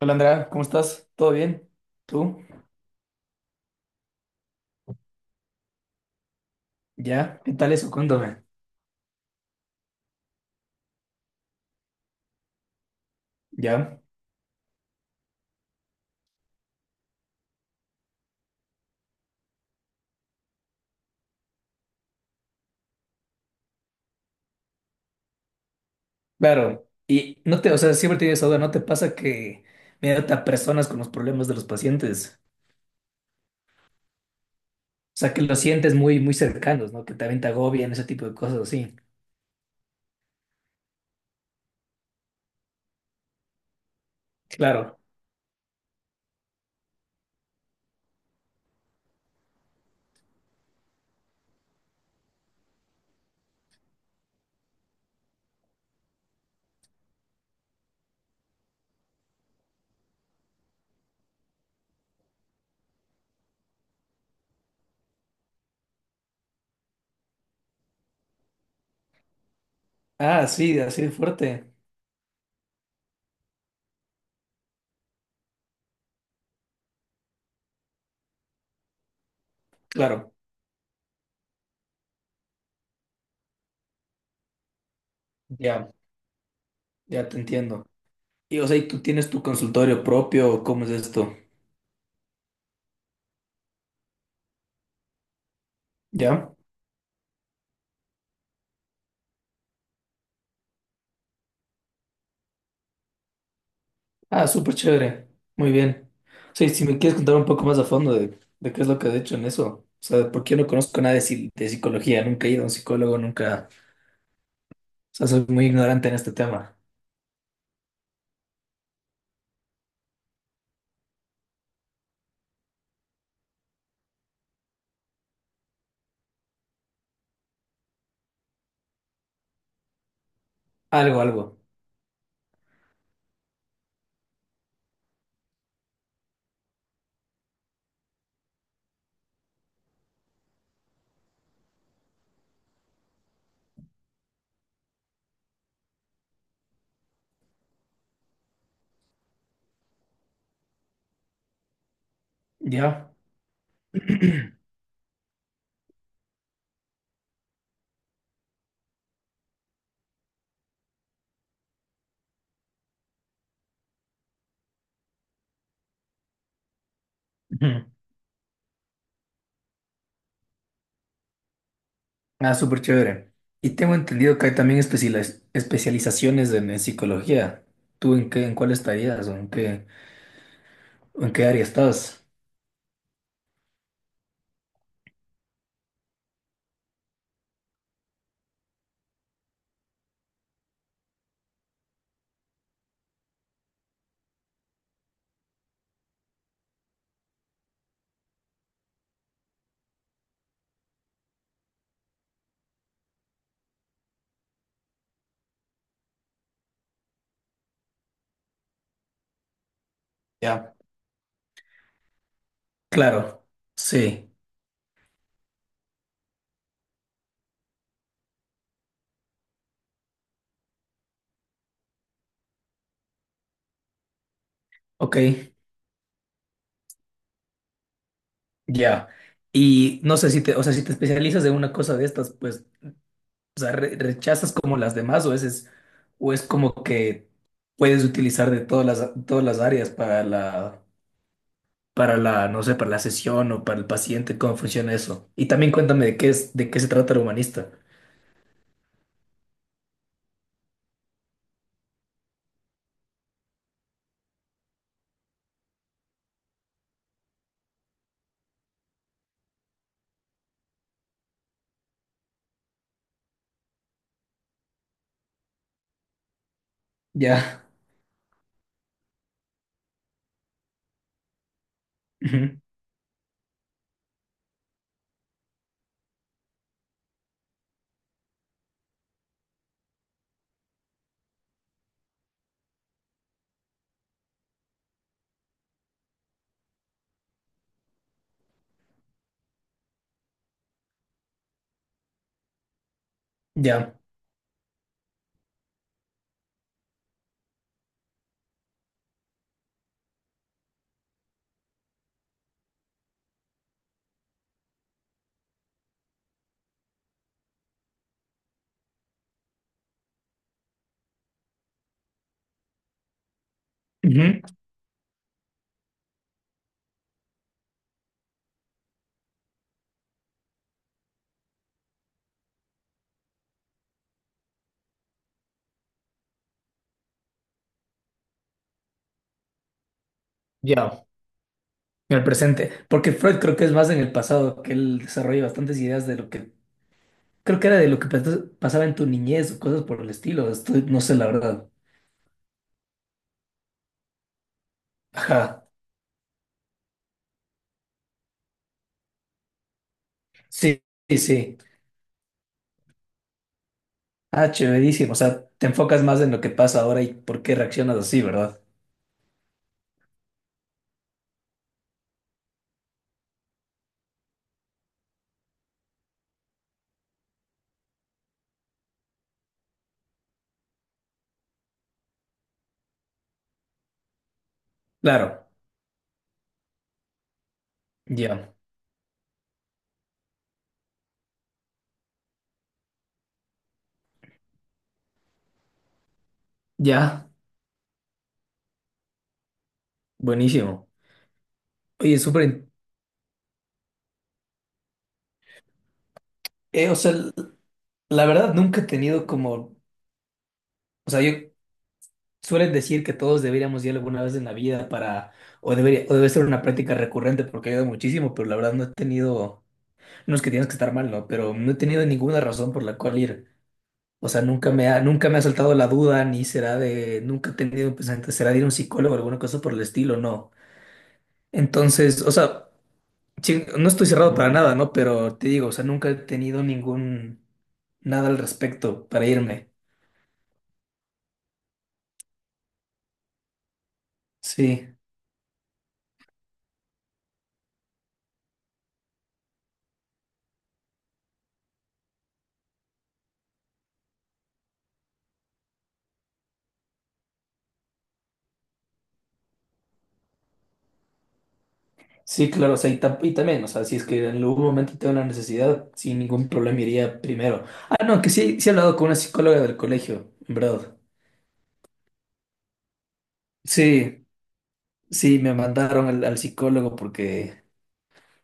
Hola Andrea, ¿cómo estás? ¿Todo bien? ¿Tú? ¿Ya? ¿Qué tal eso? Cuéntame. ¿Ya? Claro. Y no te, o sea, siempre tienes esa duda, ¿no te pasa que me a personas con los problemas de los pacientes? O sea, que los sientes muy, muy cercanos, ¿no? Que también te agobian, ese tipo de cosas así. Claro. Ah, sí, así de fuerte. Claro. Ya, ya te entiendo. Y, o sea, ¿y tú tienes tu consultorio propio? O ¿cómo es esto? ¿Ya? Ah, súper chévere. Muy bien. Sí, si me quieres contar un poco más a fondo de qué es lo que has hecho en eso. O sea, porque yo no conozco nada de psicología, nunca he ido a un psicólogo, nunca. O sea, soy muy ignorante en este tema. Algo, algo. ¿Ya? Ujú. Ah, súper chévere. Y tengo entendido que hay también especializaciones en psicología. ¿Tú en cuál estarías o en qué área estás? Ya. Claro. Sí. Ok. Ya. Y no sé o sea, si te especializas en una cosa de estas, pues, o sea, rechazas como las demás o o es como que puedes utilizar de todas las áreas no sé, para la sesión o para el paciente, cómo funciona eso. Y también cuéntame de qué se trata el humanista. Ya. Ujú. Ya. Ujú. Ya. En el presente. Porque Freud creo que es más en el pasado, que él desarrolla bastantes ideas de lo que creo que era de lo que pasaba en tu niñez o cosas por el estilo. Estoy, no sé la verdad. Ajá. Sí, sí, sí. Ah, chéverísimo. O sea, te enfocas más en lo que pasa ahora y por qué reaccionas así, ¿verdad? Claro. Ya. Ya. Buenísimo. Oye, súper. O sea, la verdad nunca he tenido como. O sea, yo suelen decir que todos deberíamos ir alguna vez en la vida para. O o debe ser una práctica recurrente porque ayuda muchísimo, pero la verdad no he tenido. No es que tienes que estar mal, ¿no? Pero no he tenido ninguna razón por la cual ir. O sea, nunca me ha saltado la duda, ni será de, nunca he tenido un pensamiento, será de ir a un psicólogo o alguna cosa por el estilo, no. Entonces, o sea, sí, no estoy cerrado para nada, ¿no? Pero te digo, o sea, nunca he tenido nada al respecto para irme. Sí, sí, claro, o sea, y también, o sea, si es que en algún momento tengo una necesidad, sin ningún problema iría primero. Ah, no, que sí, sí he hablado con una psicóloga del colegio, en verdad. Sí, sí, me mandaron al psicólogo porque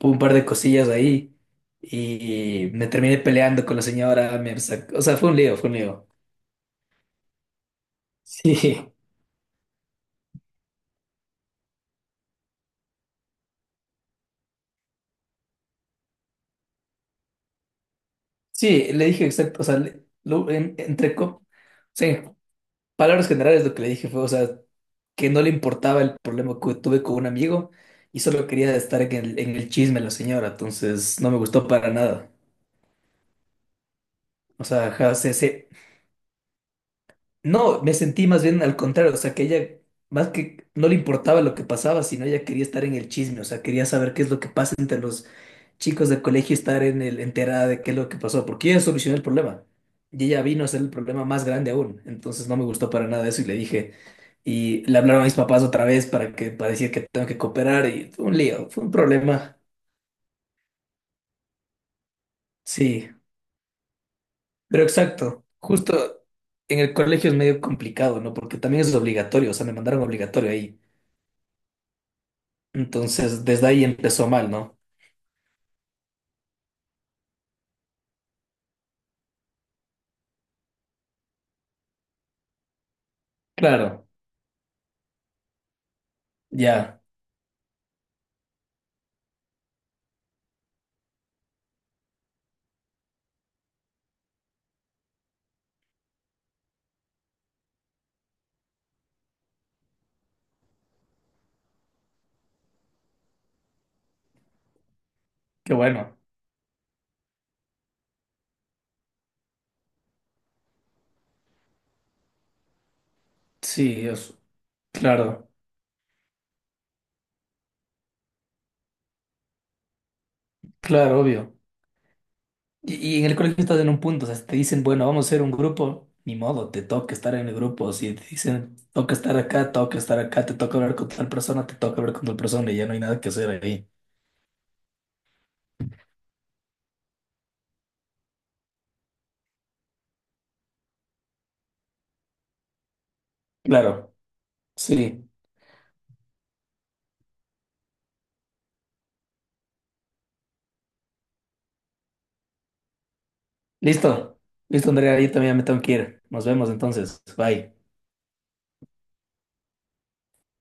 un par de cosillas ahí y me terminé peleando con la señora, o sea, fue un lío, fue un lío. Sí, sí, le dije exacto, o sea, sí, en palabras generales lo que le dije fue, o sea, que no le importaba el problema que tuve con un amigo y solo quería estar en el chisme la señora, entonces no me gustó para nada. O sea, ajá, se No, me sentí más bien al contrario, o sea, que ella más que no le importaba lo que pasaba, sino ella quería estar en el chisme, o sea, quería saber qué es lo que pasa entre los chicos del colegio, estar en el enterada de qué es lo que pasó, porque ella solucionó el problema. Y ella vino a ser el problema más grande aún, entonces no me gustó para nada eso y le dije, y le hablaron a mis papás otra vez para decir que tengo que cooperar y fue un lío, fue un problema. Sí, pero exacto, justo en el colegio es medio complicado, ¿no? Porque también es obligatorio, o sea, me mandaron obligatorio ahí. Entonces, desde ahí empezó mal, ¿no? Claro, ya, qué bueno. Sí, claro, claro, obvio. Y, y en el colegio estás en un punto, o sea, si te dicen, bueno, vamos a ser un grupo, ni modo, te toca estar en el grupo. Si te dicen, toca estar acá, te toca hablar con tal persona, te toca hablar con tal persona y ya no hay nada que hacer ahí. Claro, sí. Listo, listo, Andrea, yo también me tengo que ir. Nos vemos entonces. Bye.